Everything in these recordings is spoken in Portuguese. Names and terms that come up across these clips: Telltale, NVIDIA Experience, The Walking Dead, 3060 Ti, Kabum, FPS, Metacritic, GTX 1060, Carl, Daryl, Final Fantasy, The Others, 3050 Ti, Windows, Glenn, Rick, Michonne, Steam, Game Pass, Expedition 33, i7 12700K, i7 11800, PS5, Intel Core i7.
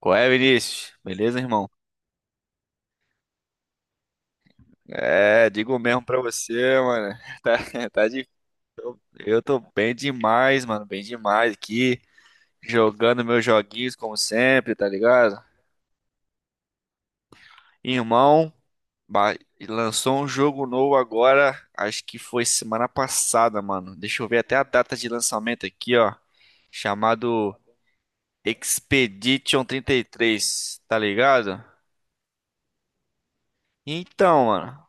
Qual é, Vinícius? Beleza, irmão? É, digo mesmo pra você, mano. Tá, tá. Eu tô bem demais, mano. Bem demais aqui. Jogando meus joguinhos como sempre, tá ligado? Irmão, ba- lançou um jogo novo agora. Acho que foi semana passada, mano. Deixa eu ver até a data de lançamento aqui, ó. Chamado Expedition 33, tá ligado? Então, mano.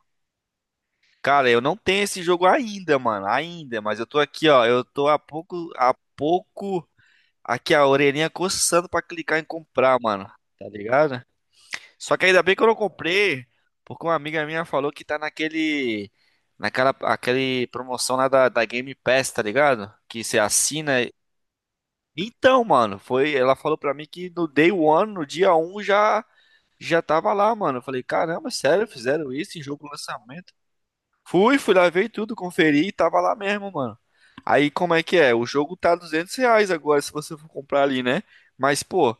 Cara, eu não tenho esse jogo ainda, mano. Ainda, mas eu tô aqui, ó. Eu tô a pouco, aqui a orelhinha coçando pra clicar em comprar, mano. Tá ligado? Só que ainda bem que eu não comprei, porque uma amiga minha falou que tá aquele promoção lá da Game Pass, tá ligado? Que você assina. Então, mano, foi. Ela falou pra mim que no day one, no dia 1 já, tava lá, mano. Eu falei, caramba, sério, fizeram isso em jogo lançamento? Fui, lá ver tudo, conferi e tava lá mesmo, mano. Aí como é que é? O jogo tá R$ 200 agora se você for comprar ali, né? Mas, pô,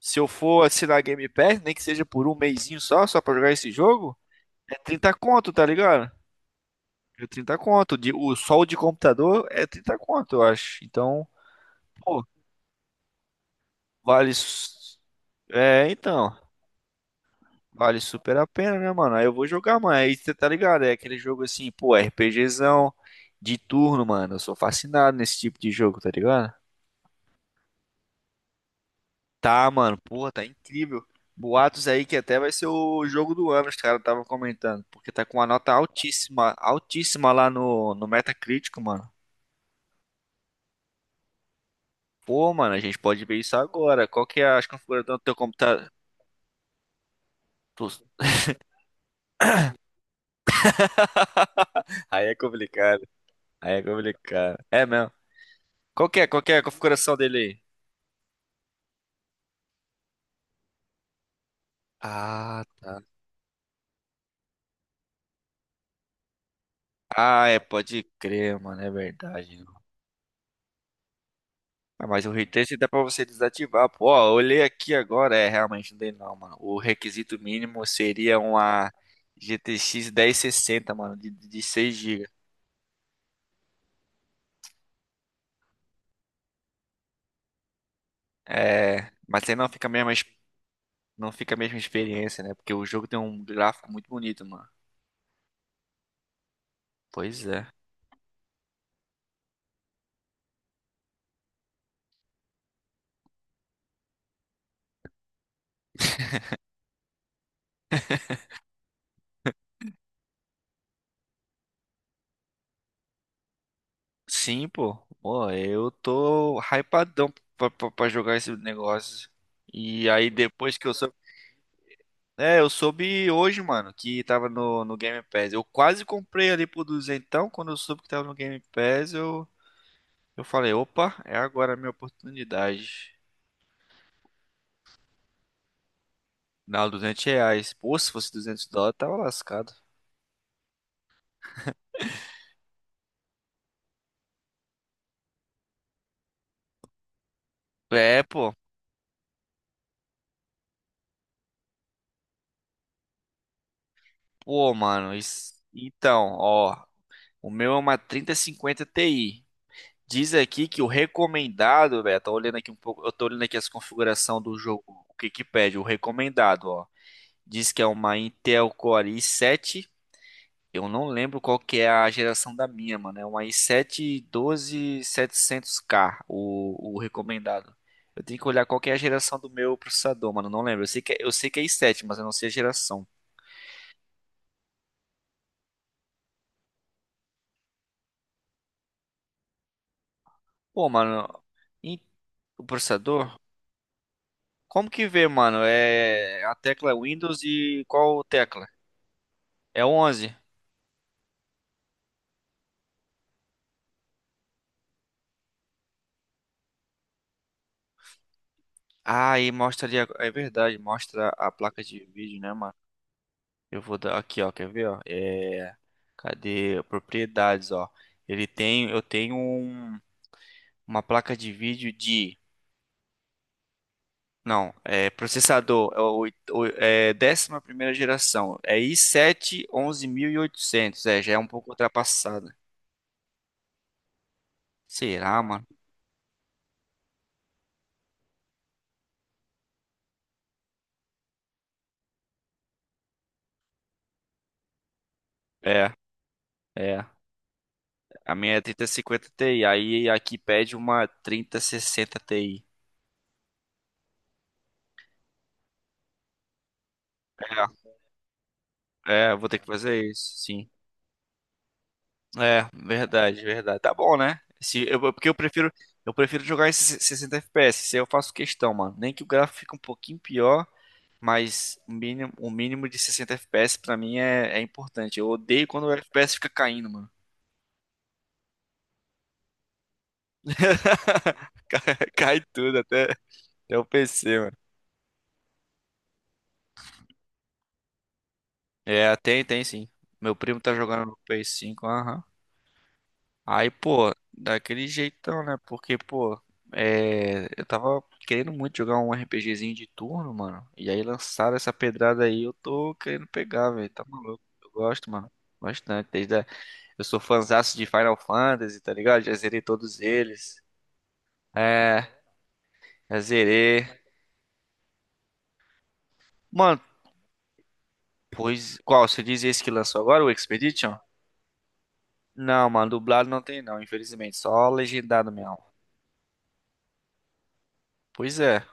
se eu for assinar Game Pass, nem que seja por um mesinho só pra jogar esse jogo, é 30 conto, tá ligado? É 30 conto. Só o de computador é 30 conto, eu acho. Então, pô, vale. É, então. Vale super a pena, né, mano? Aí eu vou jogar, mano. Aí você tá ligado? É aquele jogo assim, pô, RPGzão de turno, mano. Eu sou fascinado nesse tipo de jogo, tá ligado? Tá, mano. Porra, tá incrível. Boatos aí que até vai ser o jogo do ano, os caras estavam comentando. Porque tá com uma nota altíssima, altíssima lá no Metacritic, mano. Pô, mano, a gente pode ver isso agora. Qual que é as configurações do teu computador? Tu- Aí é complicado. Aí é complicado. É mesmo. Qual que é a configuração dele. Ah, tá. Ah, é, pode crer, mano, é verdade. Ah, mas o retrace dá pra você desativar. Pô, ó, eu olhei aqui agora, é, realmente não tem não, mano. O requisito mínimo seria uma GTX 1060, mano, de 6 GB. É, mas aí não fica a mesma, não fica a mesma experiência, né? Porque o jogo tem um gráfico muito bonito, mano. Pois é. Sim, pô. Pô, eu tô hypadão pra jogar esse negócio. E aí depois que eu soube É, eu soube hoje, mano, que tava no Game Pass. Eu quase comprei ali por duzentão. Quando eu soube que tava no Game Pass, eu falei, opa, é agora a minha oportunidade. Não, R$ 200. Pô, se fosse US$ 200, tava lascado. É, pô. Pô, mano, isso... Então, ó, o meu é uma 3050 Ti. Diz aqui que o recomendado, velho, tô olhando aqui um pouco, eu tô olhando aqui as configurações do jogo, o que que pede, o recomendado, ó. Diz que é uma Intel Core i7. Eu não lembro qual que é a geração da minha, mano. É um i7 12700K, o recomendado. Eu tenho que olhar qual que é a geração do meu processador, mano. Não lembro. Eu sei que é i7, mas eu não sei a geração. Pô, mano, e o processador? Como que vê, mano? É, a tecla é Windows e qual tecla? É 11. Ah, e mostra ali. É verdade, mostra a placa de vídeo, né, mano? Eu vou dar aqui, ó, quer ver, ó? É, cadê propriedades, ó? Ele tem, eu tenho uma placa de vídeo de, não, é processador, é, é 11ª geração, é i7 11800, é, já é um pouco ultrapassada. Será, mano? É, é. A minha é 3050 Ti, aí aqui pede uma 3060 Ti. É, é, eu vou ter que fazer isso, sim. É, verdade, verdade. Tá bom, né? Se, eu, é porque eu prefiro jogar em 60 FPS. Isso aí eu faço questão, mano. Nem que o gráfico fique um pouquinho pior, mas o mínimo de 60 FPS pra mim é importante. Eu odeio quando o FPS fica caindo, mano. Cai tudo, até o PC, mano. É, tem sim. Meu primo tá jogando no PS5, aham. Aí, pô, daquele jeitão, né? Porque, pô, é, eu tava querendo muito jogar um RPGzinho de turno, mano. E aí lançaram essa pedrada aí, eu tô querendo pegar, velho. Tá maluco? Eu gosto, mano. Bastante. Desde a... Eu sou fãzaço de Final Fantasy, tá ligado? Já zerei todos eles. É, já zerei. Mano, pois qual? Você diz esse que lançou agora, o Expedition? Não, mano, dublado não tem não, infelizmente. Só legendado mesmo. Pois é.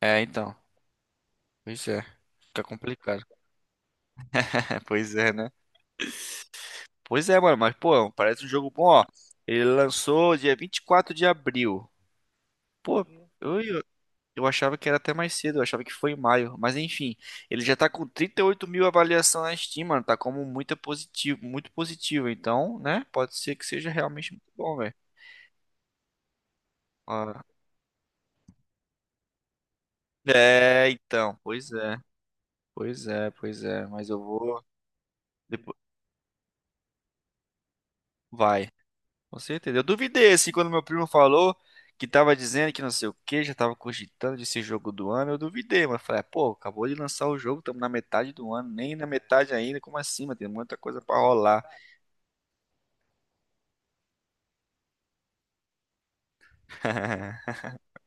É, então. Pois é. Fica complicado. É, pois é, né? Pois é, mano, mas pô, parece um jogo bom, ó. Ele lançou dia 24 de abril. Pô, eu, eu, eu achava que era até mais cedo, eu achava que foi em maio. Mas enfim, ele já tá com 38 mil avaliações na Steam, mano. Tá como muito positivo, muito positivo. Então, né? Pode ser que seja realmente muito bom, velho. Ó, é, então, pois é, pois é, pois é. Mas eu vou. Depois... Vai. Com certeza. Eu duvidei, assim, quando meu primo falou que tava dizendo que não sei o que, já tava cogitando de ser jogo do ano, eu duvidei, mas falei, "Ah, pô, acabou de lançar o jogo, estamos na metade do ano, nem na metade ainda, como assim, mano? Tem muita coisa pra rolar."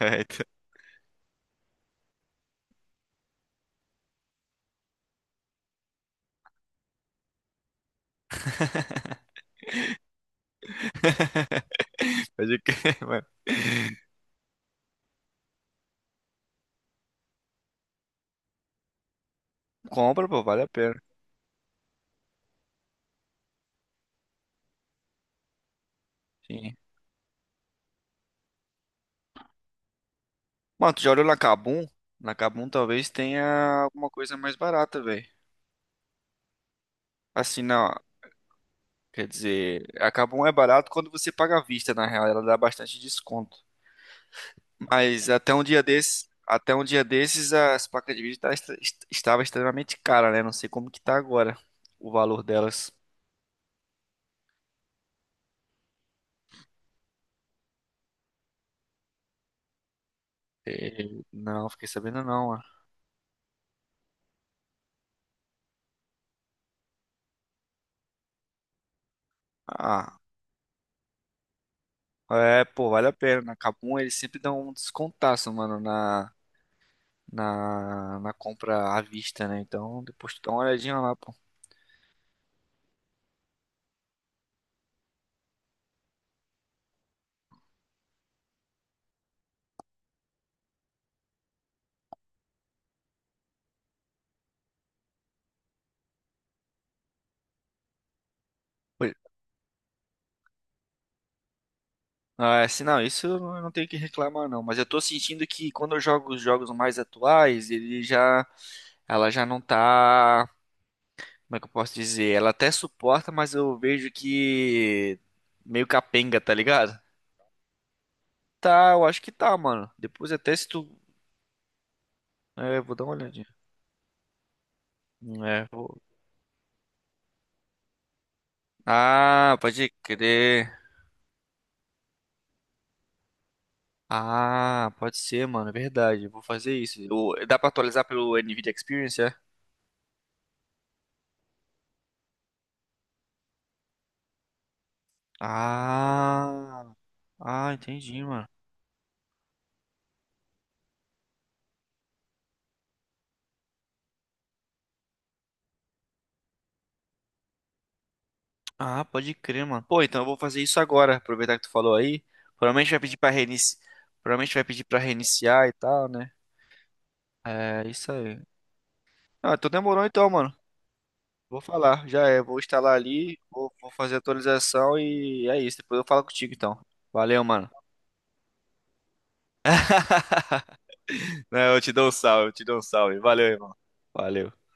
É, então. Pode crer, mano. Compra, pô, vale a pena. Sim. Mano, tu já olhou na Kabum? Na Kabum talvez tenha alguma coisa mais barata, velho. Assim, não, quer dizer, a Kabum é barato quando você paga à vista, na real, ela dá bastante desconto. Mas até um dia desses, até um dia desses, as placas de vídeo estava extremamente cara, né? Não sei como que tá agora o valor delas. É, não, fiquei sabendo não. Ó. Ah, é, pô, vale a pena. Na Kabum eles sempre dão um descontaço, mano, na compra à vista, né? Então depois tu dá uma olhadinha lá, pô. Pois- Ah, é, assim, não, isso eu não tenho que reclamar, não. Mas eu tô sentindo que quando eu jogo os jogos mais atuais, ela já não tá. Como é que eu posso dizer? Ela até suporta, mas eu vejo que meio capenga, tá ligado? Tá, eu acho que tá, mano. Depois até se tu. É, vou dar uma olhadinha. É, vou. Ah, pode crer. Ah, pode ser, mano. É verdade. Eu vou fazer isso. Dá pra atualizar pelo NVIDIA Experience, é? Ah, ah, entendi, mano. Ah, pode crer, mano. Pô, então eu vou fazer isso agora. Aproveitar que tu falou aí. Provavelmente vai pedir pra reiniciar. Provavelmente vai pedir pra reiniciar e tal, né? É isso aí. Ah, então demorou então, mano. Vou falar, já é. Vou instalar ali, vou fazer a atualização e é isso. Depois eu falo contigo então. Valeu, mano. Não, eu te dou um salve, eu te dou um salve. Valeu, irmão. Valeu.